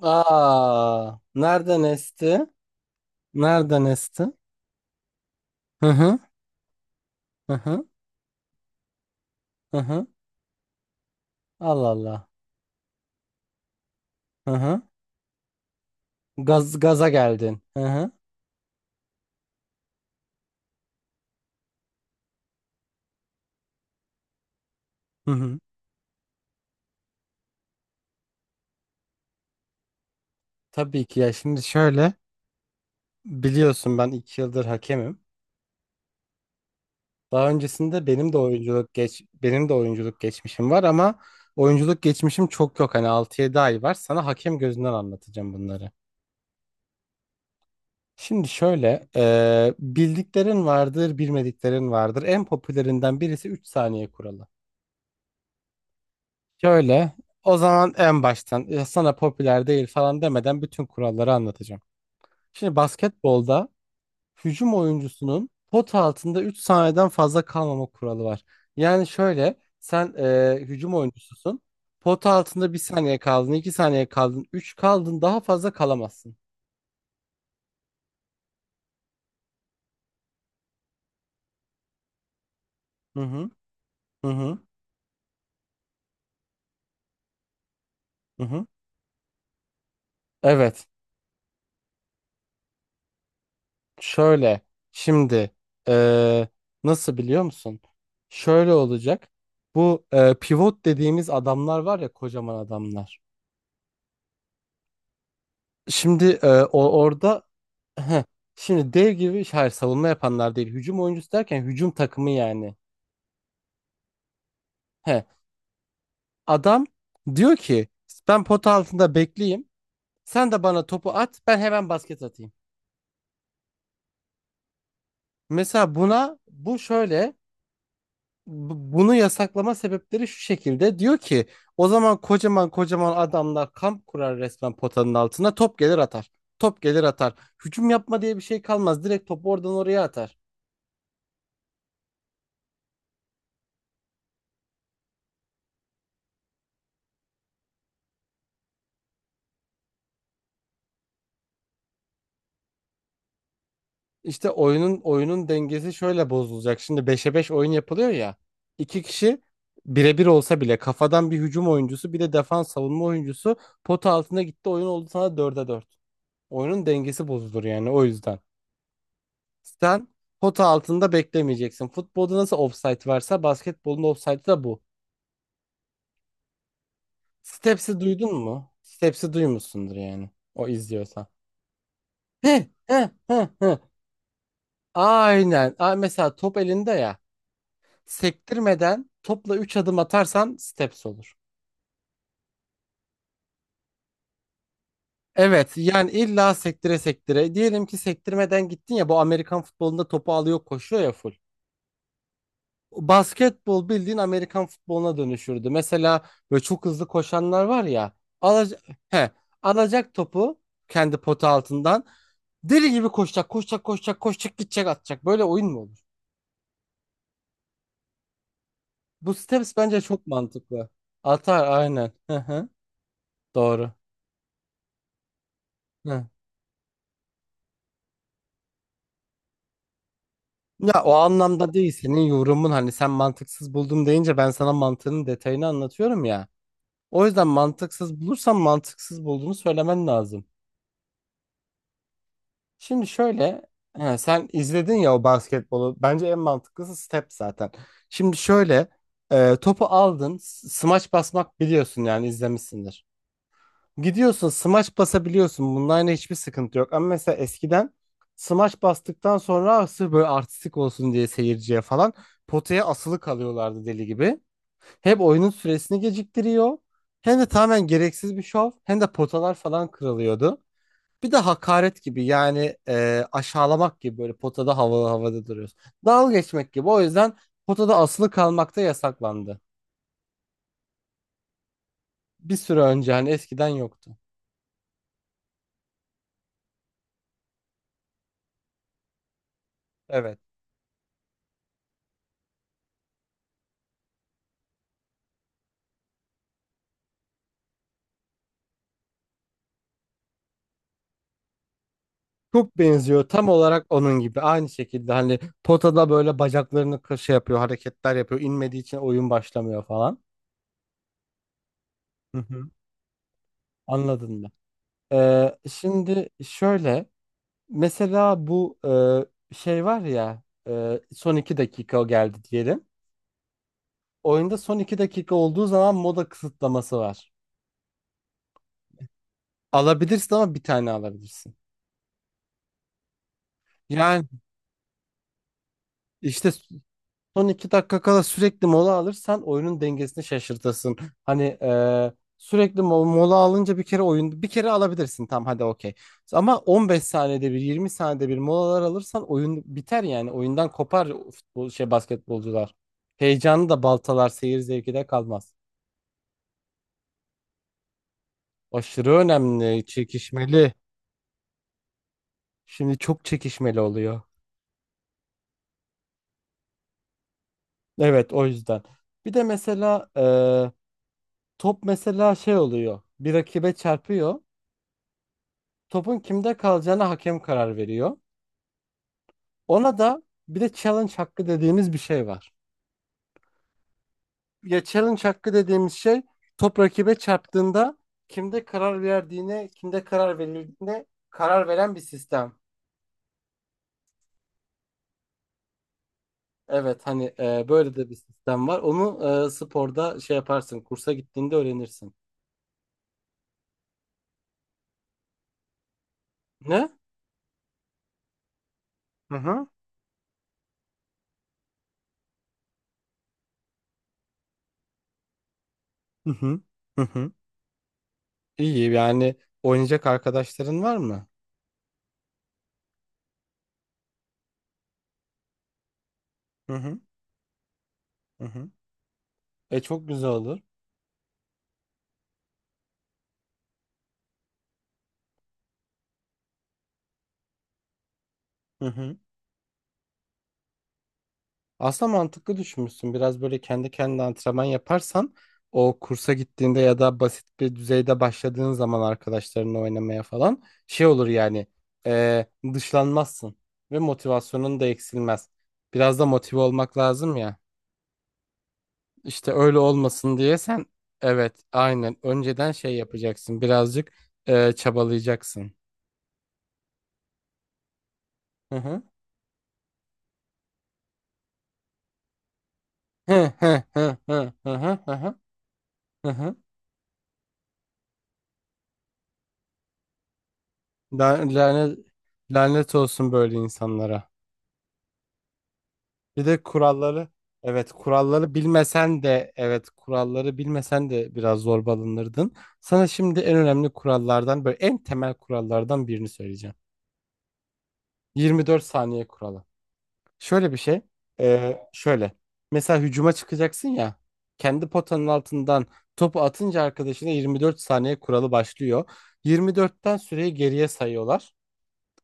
Aa, nereden esti? Nereden esti? Hı hı, hı hı, hı hı. Allah Allah. Hı hı. Gaza geldin. Hı hı, hı hı. Tabii ki ya şimdi şöyle biliyorsun ben iki yıldır hakemim. Daha öncesinde benim de oyunculuk geçmişim var ama oyunculuk geçmişim çok yok. Hani 6-7 ay var. Sana hakem gözünden anlatacağım bunları. Şimdi şöyle, bildiklerin vardır, bilmediklerin vardır. En popülerinden birisi 3 saniye kuralı. Şöyle, o zaman en baştan "Ya sana popüler değil falan demeden bütün kuralları anlatacağım. Şimdi basketbolda hücum oyuncusunun pot altında 3 saniyeden fazla kalmama kuralı var. Yani şöyle, sen hücum oyuncususun. Pot altında bir saniye kaldın, 2 saniye kaldın, 3 kaldın daha fazla kalamazsın. Hı hı, hı hı, hı hı. Evet. Şöyle şimdi eee, nasıl biliyor musun? Şöyle olacak. Bu pivot dediğimiz adamlar var ya kocaman adamlar. Şimdi o orada heh, şimdi dev gibi hayır savunma yapanlar değil. Hücum oyuncusu derken hücum takımı yani. Heh, adam diyor ki ben pot altında bekleyeyim. Sen de bana topu at ben hemen basket atayım. Mesela buna bu şöyle bunu yasaklama sebepleri şu şekilde. Diyor ki o zaman kocaman kocaman adamlar kamp kurar resmen potanın altına top gelir atar. Top gelir atar. Hücum yapma diye bir şey kalmaz. Direkt topu oradan oraya atar. İşte oyunun dengesi şöyle bozulacak. Şimdi 5'e 5 oyun yapılıyor ya. İki kişi birebir olsa bile kafadan bir hücum oyuncusu bir de defans savunma oyuncusu pota altına gitti oyun oldu sana 4'e 4. Oyunun dengesi bozulur yani o yüzden. Sen pota altında beklemeyeceksin. Futbolda nasıl offside varsa basketbolun offside'ı da bu. Steps'i duydun mu? Steps'i duymuşsundur yani. O izliyorsa. He he he he. Aynen. Aa, mesela top elinde ya. Sektirmeden topla 3 adım atarsan steps olur. Evet yani illa sektire sektire. Diyelim ki sektirmeden gittin ya bu Amerikan futbolunda topu alıyor koşuyor ya full. Basketbol bildiğin Amerikan futboluna dönüşürdü. Mesela böyle çok hızlı koşanlar var ya. Alacak, he, alacak topu kendi pota altından. Deli gibi koşacak, koşacak, koşacak, koşacak, gidecek, atacak. Böyle oyun mu olur? Bu steps bence çok mantıklı. Atar aynen. Hı hı. Doğru. Hı. Ya o anlamda değil senin yorumun hani sen mantıksız buldum deyince ben sana mantığının detayını anlatıyorum ya. O yüzden mantıksız bulursan mantıksız bulduğunu söylemen lazım. Şimdi şöyle, he, sen izledin ya o basketbolu. Bence en mantıklısı step zaten. Şimdi şöyle, topu aldın, smaç basmak biliyorsun yani izlemişsindir. Gidiyorsun, smaç basabiliyorsun. Bununla aynı hiçbir sıkıntı yok. Ama mesela eskiden smaç bastıktan sonra "Ah, sırf böyle artistik olsun diye seyirciye falan potaya asılı kalıyorlardı deli gibi. Hem oyunun süresini geciktiriyor, hem de tamamen gereksiz bir şov, hem de potalar falan kırılıyordu. Bir de hakaret gibi yani aşağılamak gibi böyle potada havalı havada duruyorsun. Dalga geçmek gibi. O yüzden potada asılı kalmak da yasaklandı. Bir süre önce hani eskiden yoktu. Evet. Çok benziyor tam olarak onun gibi. Aynı şekilde hani potada böyle bacaklarını şey yapıyor, hareketler yapıyor. İnmediği için oyun başlamıyor falan. Hı hı. Anladın mı? Şimdi şöyle mesela bu şey var ya son iki dakika o geldi diyelim. Oyunda son 2 dakika olduğu zaman moda kısıtlaması var. Alabilirsin ama bir tane alabilirsin. Yani işte son 2 dakika kala sürekli mola alırsan oyunun dengesini şaşırtırsın. Hani sürekli mola alınca bir kere oyun bir kere alabilirsin tam hadi okey. Ama 15 saniyede bir 20 saniyede bir molalar alırsan oyun biter yani oyundan kopar futbol şey basketbolcular. Heyecanı da baltalar seyir zevki de kalmaz. Aşırı önemli, çekişmeli. Şimdi çok çekişmeli oluyor. Evet o yüzden. Bir de mesela top mesela şey oluyor. Bir rakibe çarpıyor. Topun kimde kalacağına hakem karar veriyor. Ona da bir de challenge hakkı dediğimiz bir şey var. Ya challenge hakkı dediğimiz şey top rakibe çarptığında kimde karar verdiğine, kimde karar verildiğine karar veren bir sistem. Evet hani böyle de bir sistem var. Onu sporda şey yaparsın, kursa gittiğinde öğrenirsin. Ne? Hı hı. Hı hı. Hı hı. İyi yani oynayacak arkadaşların var mı? Hı hı. Hı hı. E çok güzel olur. Hı hı. Aslında mantıklı düşünmüşsün. Biraz böyle kendi kendine antrenman yaparsan o kursa gittiğinde ya da basit bir düzeyde başladığın zaman arkadaşlarınla oynamaya falan şey olur yani e, dışlanmazsın ve motivasyonun da eksilmez. Biraz da motive olmak lazım ya. İşte öyle olmasın diye sen evet aynen önceden şey yapacaksın birazcık çabalayacaksın. Hı hı. Hı hı hı hı hı hı hı hı hı. Lanet, lanet olsun böyle insanlara. Bir de kuralları evet kuralları bilmesen de biraz zorbalanırdın. Sana şimdi en önemli kurallardan böyle en temel kurallardan birini söyleyeceğim. 24 saniye kuralı. Şöyle bir şey. Şöyle. Mesela hücuma çıkacaksın ya. Kendi potanın altından topu atınca arkadaşına 24 saniye kuralı başlıyor. 24'ten süreyi geriye sayıyorlar.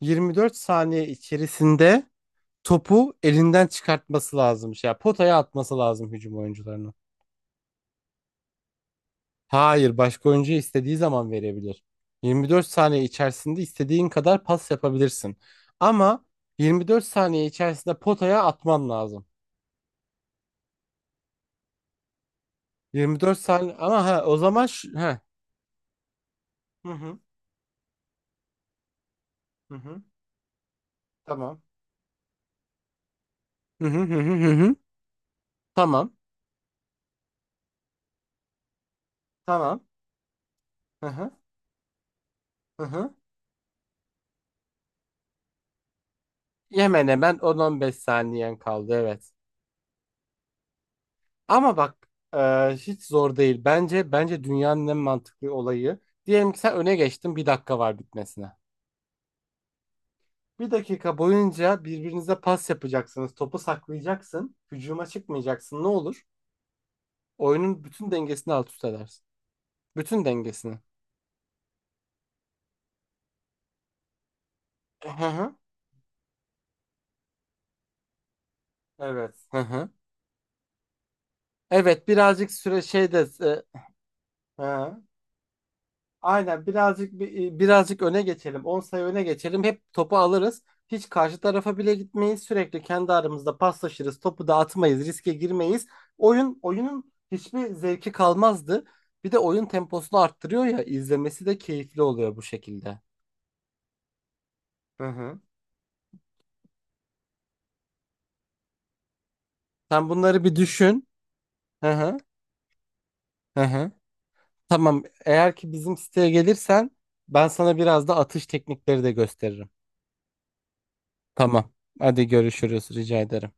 24 saniye içerisinde topu elinden çıkartması lazımmış. Ya potaya atması lazım hücum oyuncularının. Hayır, başka oyuncu istediği zaman verebilir. 24 saniye içerisinde istediğin kadar pas yapabilirsin. Ama 24 saniye içerisinde potaya atman lazım. 24 saniye ama ha o zaman ha. Hı hı hı hı. Tamam. Hı hı hı hı hı. Hı. Tamam. Tamam. Hı hı hı hı. Hemen hemen 10-15 saniyen kaldı evet. Ama bak e, hiç zor değil. Bence dünyanın en mantıklı olayı. Diyelim ki sen öne geçtin bir dakika var bitmesine. Bir dakika boyunca birbirinize pas yapacaksınız. Topu saklayacaksın. Hücuma çıkmayacaksın. Ne olur? Oyunun bütün dengesini alt üst edersin. Bütün dengesini. Hı hı. Evet. Hı hı. Evet birazcık süre şey de... Hı. Aynen birazcık birazcık öne geçelim. 10 sayı öne geçelim. Hep topu alırız. Hiç karşı tarafa bile gitmeyiz. Sürekli kendi aramızda paslaşırız. Topu dağıtmayız. Riske girmeyiz. Oyunun hiçbir zevki kalmazdı. Bir de oyun temposunu arttırıyor ya izlemesi de keyifli oluyor bu şekilde. Hı hı. Sen bunları bir düşün. Hı hı. Hı hı. Tamam. Eğer ki bizim siteye gelirsen ben sana biraz da atış teknikleri de gösteririm. Tamam. Hadi görüşürüz. Rica ederim.